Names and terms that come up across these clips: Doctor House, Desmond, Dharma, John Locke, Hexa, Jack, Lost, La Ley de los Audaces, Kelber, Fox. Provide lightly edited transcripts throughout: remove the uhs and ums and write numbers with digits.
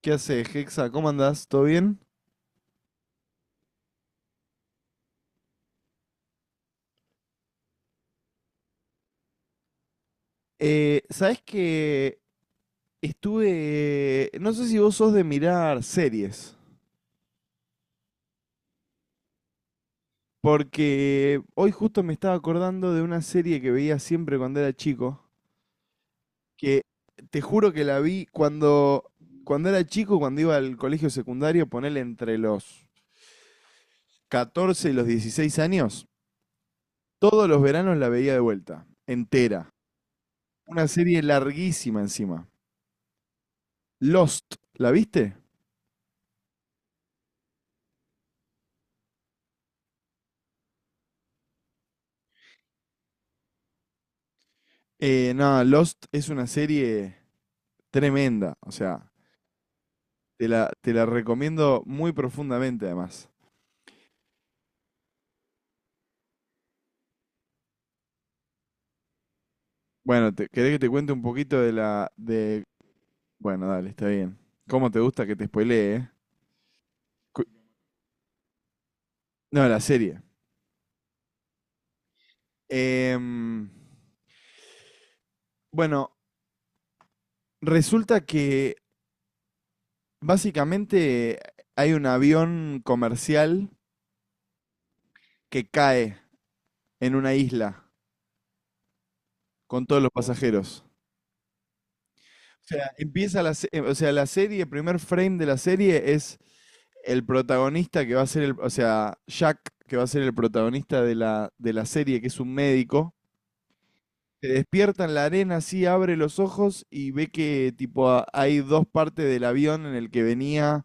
¿Qué haces, Hexa? ¿Cómo andás? ¿Todo bien? ¿Sabés que estuve... No sé si vos sos de mirar series, porque hoy justo me estaba acordando de una serie que veía siempre cuando era chico, que te juro que la vi cuando era chico, cuando iba al colegio secundario, ponele entre los 14 y los 16 años, todos los veranos la veía de vuelta, entera. Una serie larguísima encima. Lost, ¿la viste? No, Lost es una serie tremenda, o sea, te la recomiendo muy profundamente además. Bueno, te, ¿querés que te cuente un poquito de la... de... Bueno, dale, está bien. ¿Cómo te gusta que te spoilee, eh? Cu- No, la serie. Em, bueno, resulta que básicamente hay un avión comercial que cae en una isla con todos los pasajeros. Sea, o sea, la serie, el primer frame de la serie es el protagonista que va a ser el, o sea, Jack, que va a ser el protagonista de de la serie, que es un médico, se despierta en la arena, así abre los ojos y ve que tipo a- hay dos partes del avión en el que venía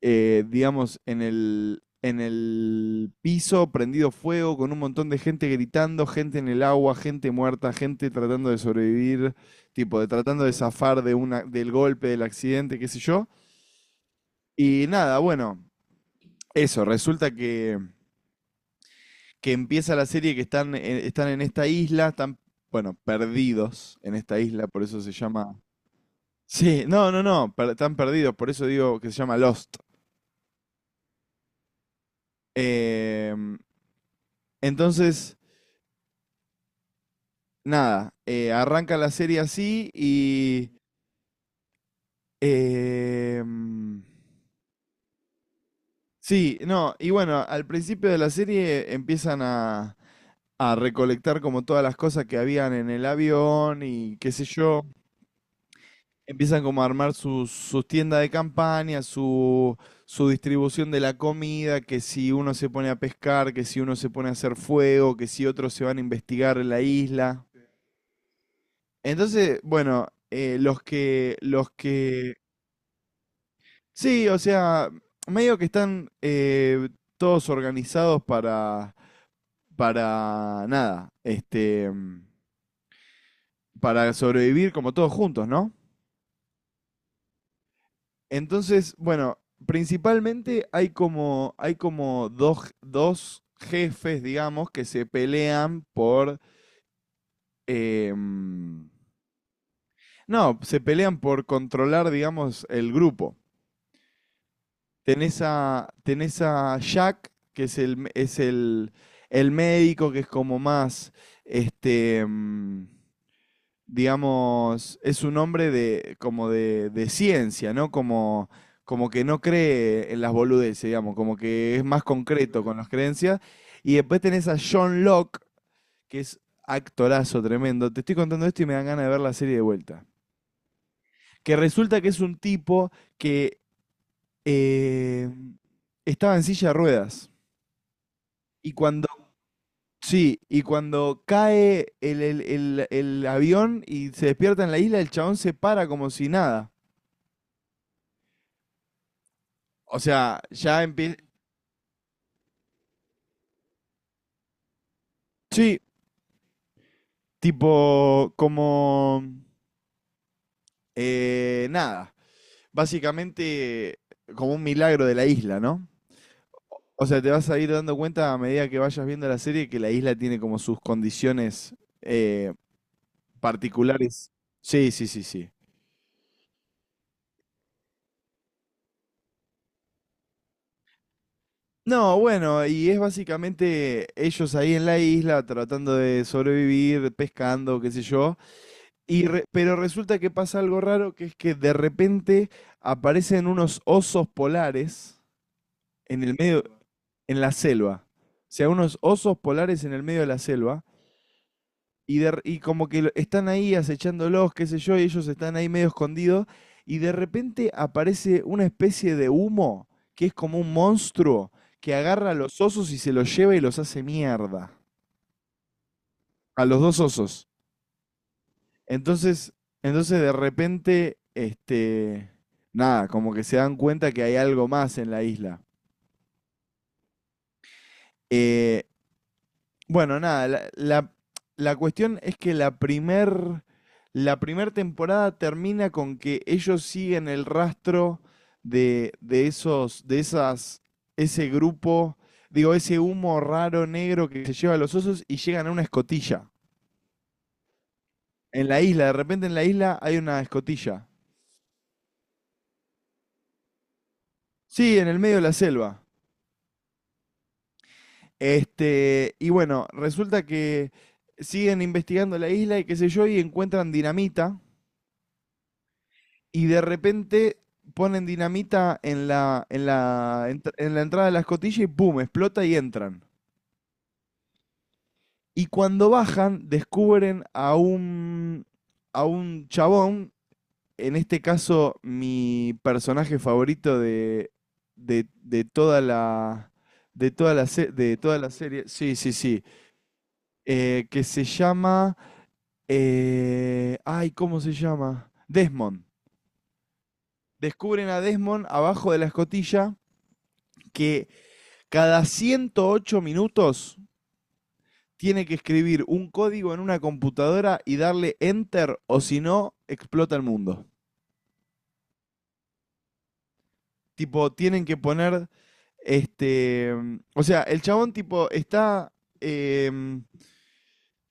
digamos, en en el piso, prendido fuego, con un montón de gente gritando, gente en el agua, gente muerta, gente tratando de sobrevivir, tipo, de tratando de zafar de una, del golpe, del accidente, qué sé yo. Y nada, bueno, eso, resulta que empieza la serie que están, están en esta isla, están, bueno, perdidos en esta isla, por eso se llama... Sí, no, no, no, per- están perdidos, por eso digo que se llama Lost. Em, entonces... nada, arranca la serie así y... eh, mm, sí, no, y bueno, al principio de la serie empiezan a recolectar como todas las cosas que habían en el avión y qué sé yo. Empiezan como a armar sus tiendas de campaña, su distribución de la comida, que si uno se pone a pescar, que si uno se pone a hacer fuego, que si otros se van a investigar en la isla. Entonces, bueno, los que sí, o sea, medio que están todos organizados para nada, este, para sobrevivir como todos juntos, ¿no? Entonces, bueno, principalmente hay como dos jefes, digamos, que se pelean eh, mm, no, se pelean por controlar, digamos, el grupo. Tenés a Jack, que es el médico, que es como más, este, digamos, es un hombre de, como de ciencia, ¿no? Como, como que no cree en las boludeces, digamos, como que es más concreto con las creencias. Y después tenés a John Locke, que es actorazo tremendo. Te estoy contando esto y me dan ganas de ver la serie de vuelta. Que resulta que es un tipo que eh, estaba en silla de ruedas. Y cuando, sí, y cuando cae el avión y se despierta en la isla, el chabón se para como si nada. O sea, ya empieza... Sí, tipo como... nada. Básicamente como un milagro de la isla, ¿no? O sea, te vas a ir dando cuenta a medida que vayas viendo la serie que la isla tiene como sus condiciones eh, particulares. Sí, sí, sí, sí. No, bueno, y es básicamente ellos ahí en la isla tratando de sobrevivir, pescando, qué sé yo. Y re- pero resulta que pasa algo raro, que es que de repente aparecen unos osos polares en el medio, en la selva. O sea, unos osos polares en el medio de la selva y, de- y como que están ahí acechándolos, qué sé yo, y ellos están ahí medio escondidos, y de repente aparece una especie de humo, que es como un monstruo, que agarra a los osos y se los lleva y los hace mierda. A los dos osos. Entonces, entonces de repente, este, nada, como que se dan cuenta que hay algo más en la isla. Eh, Bueno, nada, la cuestión es que la primer temporada termina con que ellos siguen el rastro de esos, de esas, ese grupo, digo, ese humo raro negro que se lleva a los osos y llegan a una escotilla. En la isla, de repente en la isla hay una escotilla. Sí, en el medio de la selva. Este, y bueno, resulta que siguen investigando la isla y qué sé yo, y encuentran dinamita y de repente ponen dinamita en en la entrada de la escotilla y ¡pum! Explota y entran. Y cuando bajan, descubren a a un chabón, en este caso mi personaje favorito de toda la... De toda, la se- de toda la serie, sí, sí, sí, eh, que se llama, ay, ¿cómo se llama? Desmond. Descubren a Desmond abajo de la escotilla que cada 108 minutos tiene que escribir un código en una computadora y darle enter o si no, explota el mundo. Tipo, tienen que poner, este, o sea, el chabón tipo está em,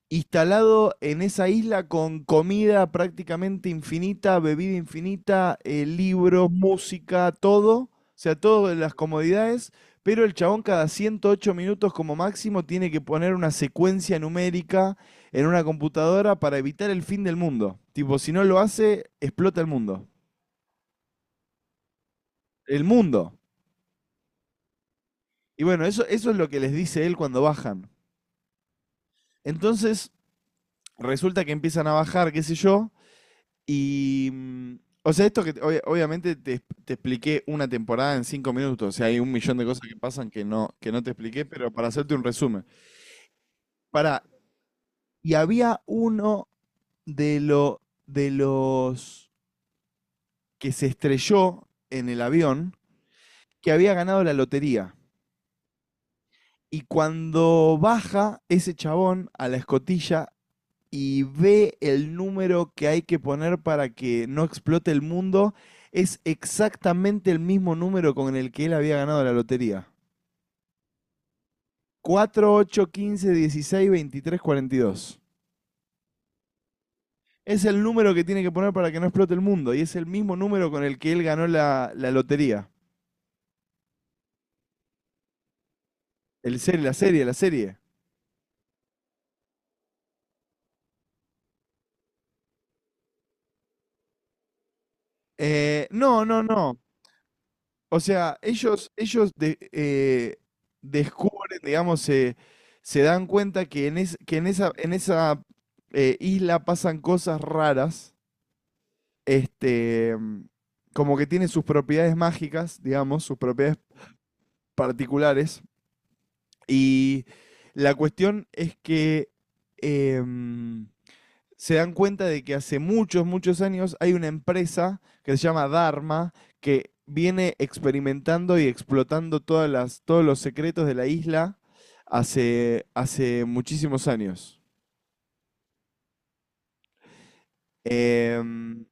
instalado en esa isla con comida prácticamente infinita, bebida infinita, libros, música, todo, o sea, todas las comodidades, pero el chabón cada 108 minutos como máximo tiene que poner una secuencia numérica en una computadora para evitar el fin del mundo. Tipo, si no lo hace, explota el mundo. El mundo. Y bueno, eso es lo que les dice él cuando bajan. Entonces, resulta que empiezan a bajar, qué sé yo, Y, mm, o sea, esto que te- obvia- obviamente te expliqué una temporada en cinco minutos, o sea, hay un millón de cosas que pasan que no te expliqué, pero para hacerte un resumen. Para, y había uno de los que se estrelló en el avión que había ganado la lotería. Y cuando baja ese chabón a la escotilla, y ve el número que hay que poner para que no explote el mundo, es exactamente el mismo número con el que él había ganado la lotería. 4 8 15 16 23 42. Es el número que tiene que poner para que no explote el mundo y es el mismo número con el que él ganó la lotería. El serie, la serie, la serie. No, no, no. O sea, descubren, digamos, se dan cuenta que en, es- que en esa isla pasan cosas raras, este, como que tiene sus propiedades mágicas, digamos, sus propiedades particulares. Y la cuestión es que em, se dan cuenta de que hace muchos, muchos años hay una empresa que se llama Dharma, que viene experimentando y explotando todas todos los secretos de la isla hace muchísimos años. Em,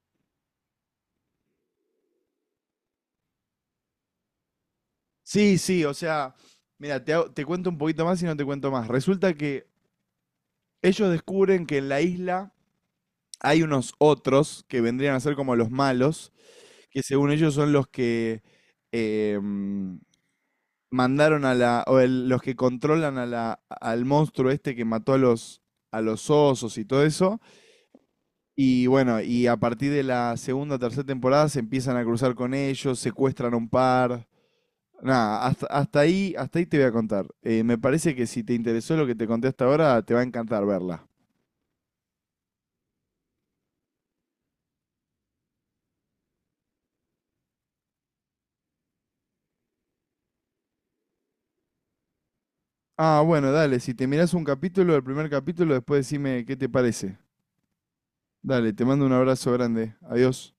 sí, sí, o sea, mira, te cuento un poquito más y no te cuento más. Resulta que ellos descubren que en la isla hay unos otros que vendrían a ser como los malos, que según ellos son los que em, mandaron a los que controlan a la, al monstruo este que mató a los osos y todo eso. Y bueno, y a partir de la segunda o tercera temporada se empiezan a cruzar con ellos, secuestran a un par. Nada, hasta ahí te voy a contar. Me parece que si te interesó lo que te conté hasta ahora, te va a encantar verla. Ah, bueno, dale, si te mirás un capítulo, el primer capítulo, después decime qué te parece. Dale, te mando un abrazo grande. Adiós.